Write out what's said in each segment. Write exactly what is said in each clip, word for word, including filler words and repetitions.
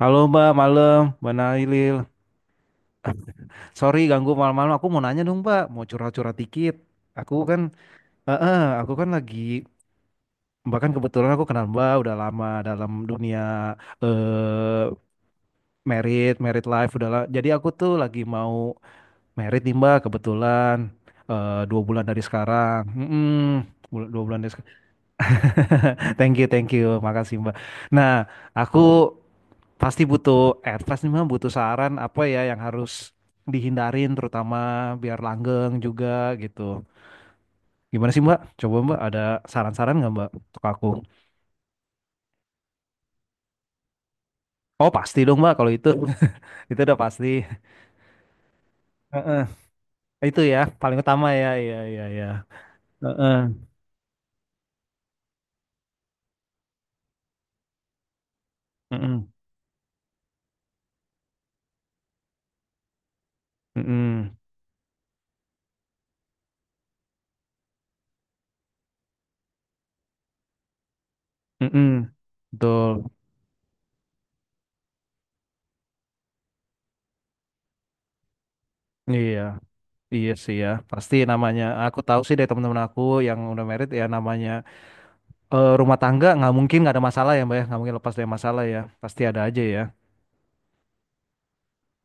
Halo Mbak, malam, Mbak Nailil. Sorry ganggu malam-malam. Aku mau nanya dong Mbak, mau curhat-curhat dikit. Aku kan, eh, eh, aku kan lagi, bahkan kebetulan aku kenal Mbak udah lama dalam dunia eh merit, merit life udah. la- Jadi aku tuh lagi mau merit nih Mbak, kebetulan eh dua bulan dari sekarang. Mm-mm, bul- dua bulan dari sekarang. Thank you, thank you, makasih Mbak. Nah, aku pasti butuh advice nih Mam, butuh saran apa ya yang harus dihindarin terutama biar langgeng juga gitu. Gimana sih Mbak? Coba Mbak ada saran-saran nggak Mbak untuk aku? Oh pasti dong Mbak kalau itu, itu udah pasti. Heeh. Itu ya paling utama ya, iya iya iya. Heeh. Mm-mm. Mm-mm. Mm-mm. Betul. Iya, iya sih ya. Pasti namanya. Aku tahu sih dari teman-teman aku yang udah merit ya namanya eh, rumah tangga nggak mungkin nggak ada masalah ya mbak ya nggak mungkin lepas dari masalah ya pasti ada aja ya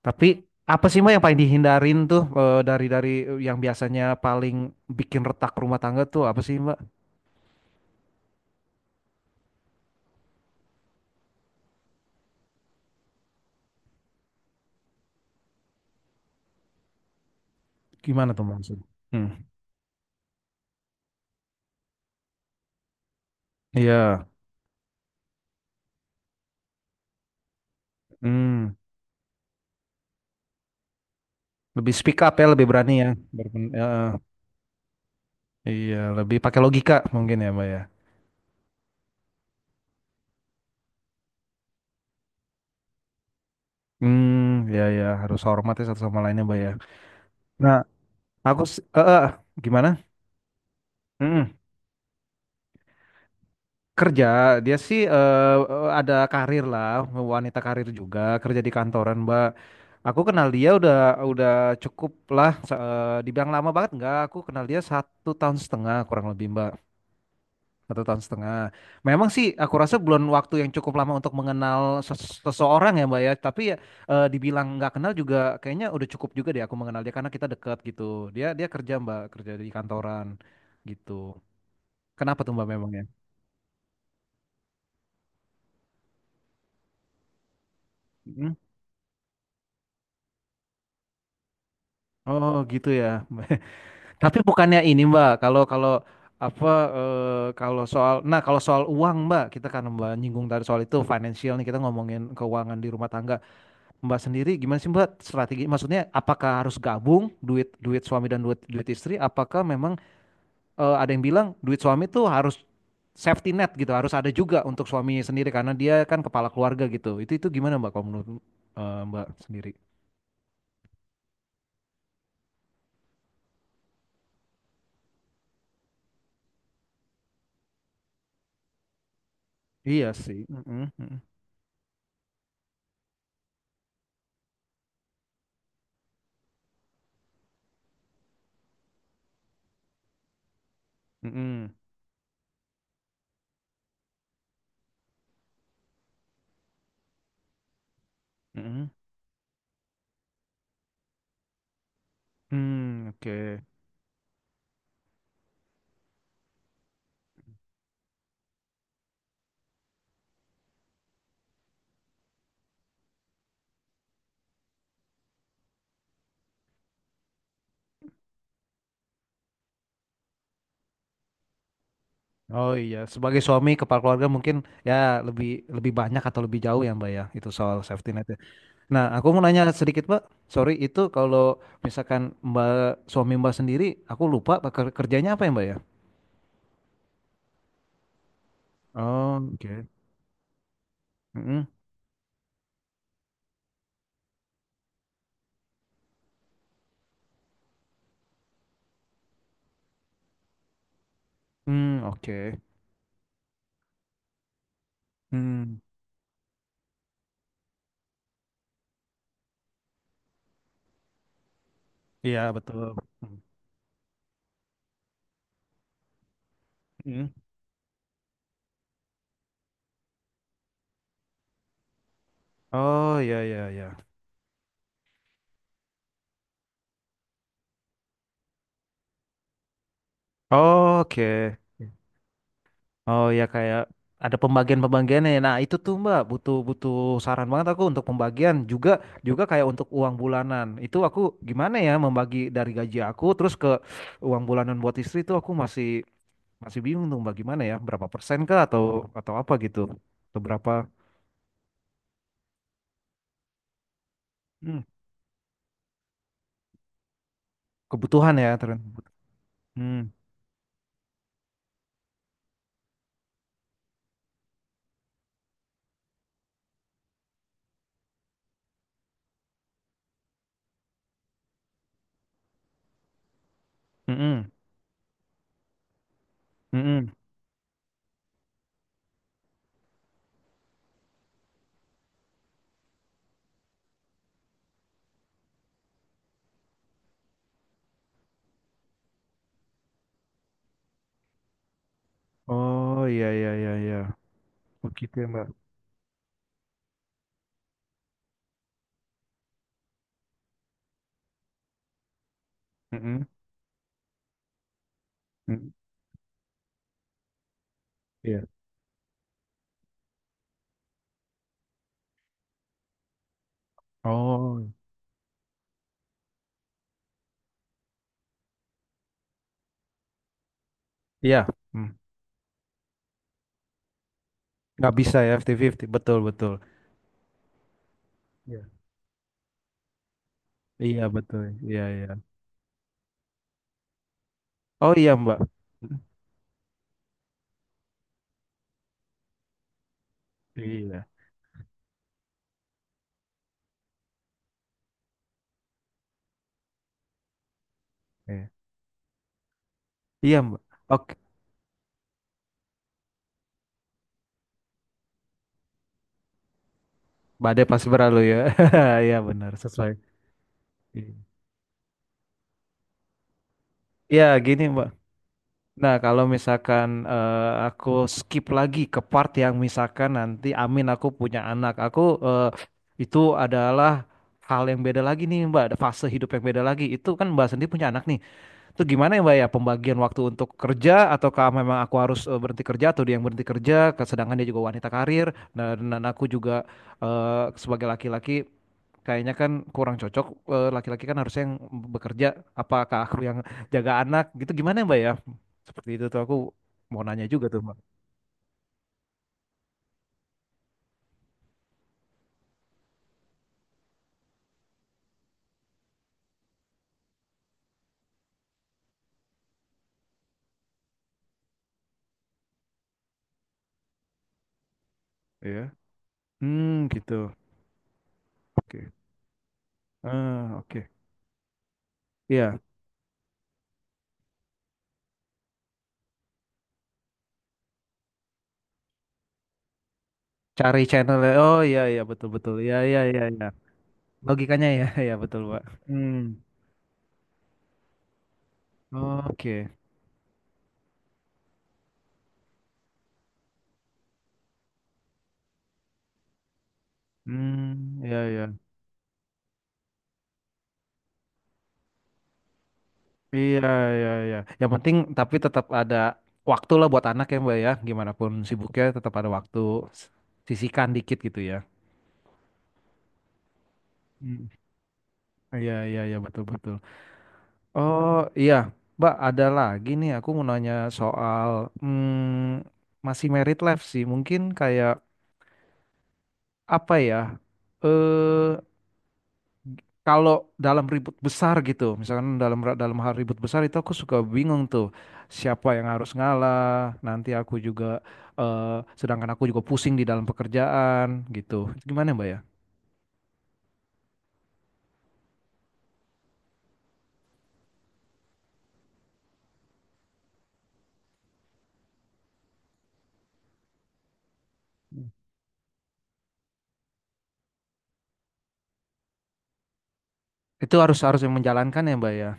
tapi apa sih mbak yang paling dihindarin tuh eh, dari dari eh, yang biasanya paling bikin retak rumah tangga tuh apa sih mbak gimana tuh maksudnya. Hmm. Iya. Hmm. Lebih speak up ya lebih berani ya. Berpen- ya, iya lebih pakai logika mungkin ya mbak ya. Hmm, ya ya harus hormat ya satu sama lainnya mbak ya. Nah aku s- eh, eh, gimana. Mm. Kerja, dia sih eh, eh, ada karir lah, wanita karir juga, kerja di kantoran, Mbak. Aku kenal dia udah udah cukup lah, sa- eh, dibilang lama banget enggak, aku kenal dia satu tahun setengah kurang lebih, Mbak. Satu tahun setengah. Memang sih aku rasa belum waktu yang cukup lama untuk mengenal ses- seseorang ya, Mbak ya. Tapi ya eh, dibilang nggak kenal juga kayaknya udah cukup juga deh aku mengenal dia karena kita dekat gitu. Dia dia kerja, Mbak, kerja di kantoran gitu. Kenapa tuh, Mbak memangnya? Mm. Oh gitu ya. Tapi bukannya ini Mbak, kalau kalau apa eh, kalau soal nah kalau soal uang Mbak, kita kan Mbak nyinggung tadi soal itu financial nih kita ngomongin keuangan di rumah tangga. Mbak sendiri gimana sih Mbak strategi? Maksudnya apakah harus gabung duit duit suami dan duit duit istri? Apakah memang eh, ada yang bilang duit suami tuh harus safety net gitu, harus ada juga untuk suami sendiri karena dia kan kepala keluarga gitu. Itu itu gimana Mbak kalau menurut eh, Mbak sendiri? Iya sih. Mm-mm, mm-mm, mm-mm, mm-mm. Hmm, oke. Oh iya, sebagai suami kepala keluarga mungkin ya lebih lebih banyak atau lebih jauh ya Mbak ya itu soal safety net ya. Nah, aku mau nanya sedikit Mbak. Sorry itu kalau misalkan Mbak suami Mbak sendiri, aku lupa Pak, ker- kerjanya apa ya Mbak ya? Oh, oke. Mm-mm. Hmm, oke. Hmm, iya betul. Mm. Oh iya iya iya. Oh, oke. Oh ya kayak ada pembagian-pembagiannya ya. Nah itu tuh Mbak butuh butuh saran banget aku untuk pembagian juga juga kayak untuk uang bulanan. Itu aku gimana ya membagi dari gaji aku terus ke uang bulanan buat istri itu aku masih masih bingung tuh Mbak gimana ya berapa persen kah atau atau apa gitu atau berapa. Hmm, kebutuhan ya terus. Hmm, mm-mm, mm-mm. Oh iya iya iya iya. Begitu ya Mbak. Mm-mm, mm, iya. Oh iya. Hmm. Nggak bisa ya lima puluh lima puluh betul betul. Iya. Iya betul. Iya iya. Oh iya Mbak. Iya. Iya, iya, Mbak. Oke. Mbak badai pas berlalu ya. Iya benar sesuai. Iya. Iya, gini Mbak. Nah kalau misalkan eh, aku skip lagi ke part yang misalkan nanti Amin aku punya anak. Aku eh, itu adalah hal yang beda lagi nih Mbak. Ada fase hidup yang beda lagi. Itu kan Mbak sendiri punya anak nih. Itu gimana ya Mbak ya pembagian waktu untuk kerja ataukah memang aku harus eh, berhenti kerja atau dia yang berhenti kerja ke- sedangkan dia juga wanita karir dan, dan aku juga eh, sebagai laki-laki kayaknya kan kurang cocok. Eh, laki-laki kan harusnya yang bekerja apakah aku yang jaga anak gitu gimana ya Mbak ya seperti itu tuh aku mau nanya juga tuh Mbak. Iya. Hmm, gitu, oke, ah oke. Iya cari channel ya. Oh iya iya betul betul iya iya iya iya logikanya ya iya betul pak. Hmm, oke. Hmm, ya ya, iya iya iya Yang penting tapi tetap ada waktu lah buat anak ya Mbak ya. Gimana pun sibuknya tetap ada waktu. Sisihkan dikit gitu ya. Hmm. Iya iya iya betul betul. Oh iya Mbak ada lagi nih aku mau nanya soal hmm, masih married life sih. Mungkin kayak apa ya? Eh kalau dalam ribut besar gitu, misalkan dalam dalam hal ribut besar itu aku suka bingung tuh siapa yang harus ngalah. Nanti aku juga eh, sedangkan aku juga pusing di dalam pekerjaan gitu. Gimana Mbak ya? Itu harus harus yang menjalankan ya Mbak ya.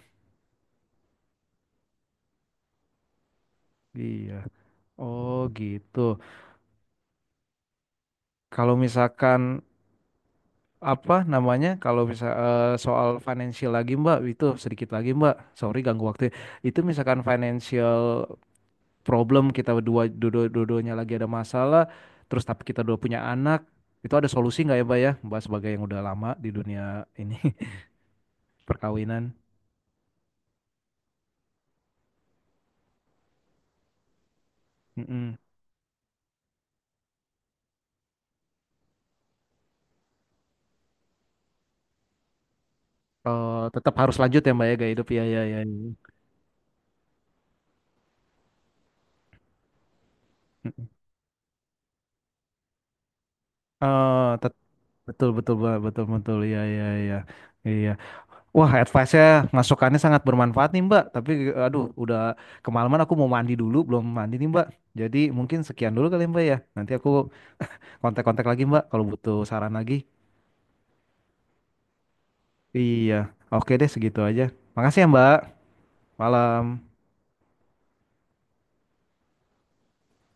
Iya. Oh gitu. Kalau misalkan apa namanya? Kalau bisa soal financial lagi Mbak, itu sedikit lagi Mbak. Sorry ganggu waktu ya. Itu misalkan financial problem kita dua dua-duanya lagi ada masalah terus tapi kita dua punya anak itu ada solusi nggak ya Pak ya Mbak sebagai yang udah lama di dunia ini perkawinan. Mm-mm. Eh, tetap harus lanjut ya Mbak ya gaya hidup ya ya ya ya. Mm-mm. Eh, tet- betul betul Mbak betul betul ya ya ya iya wah advice-nya masukannya sangat bermanfaat nih Mbak tapi aduh udah kemalaman aku mau mandi dulu belum mandi nih Mbak jadi mungkin sekian dulu kali ya, Mbak ya nanti aku kontak-kontak lagi Mbak kalau butuh saran lagi. Iya, oke deh segitu aja. Makasih ya Mbak. Malam.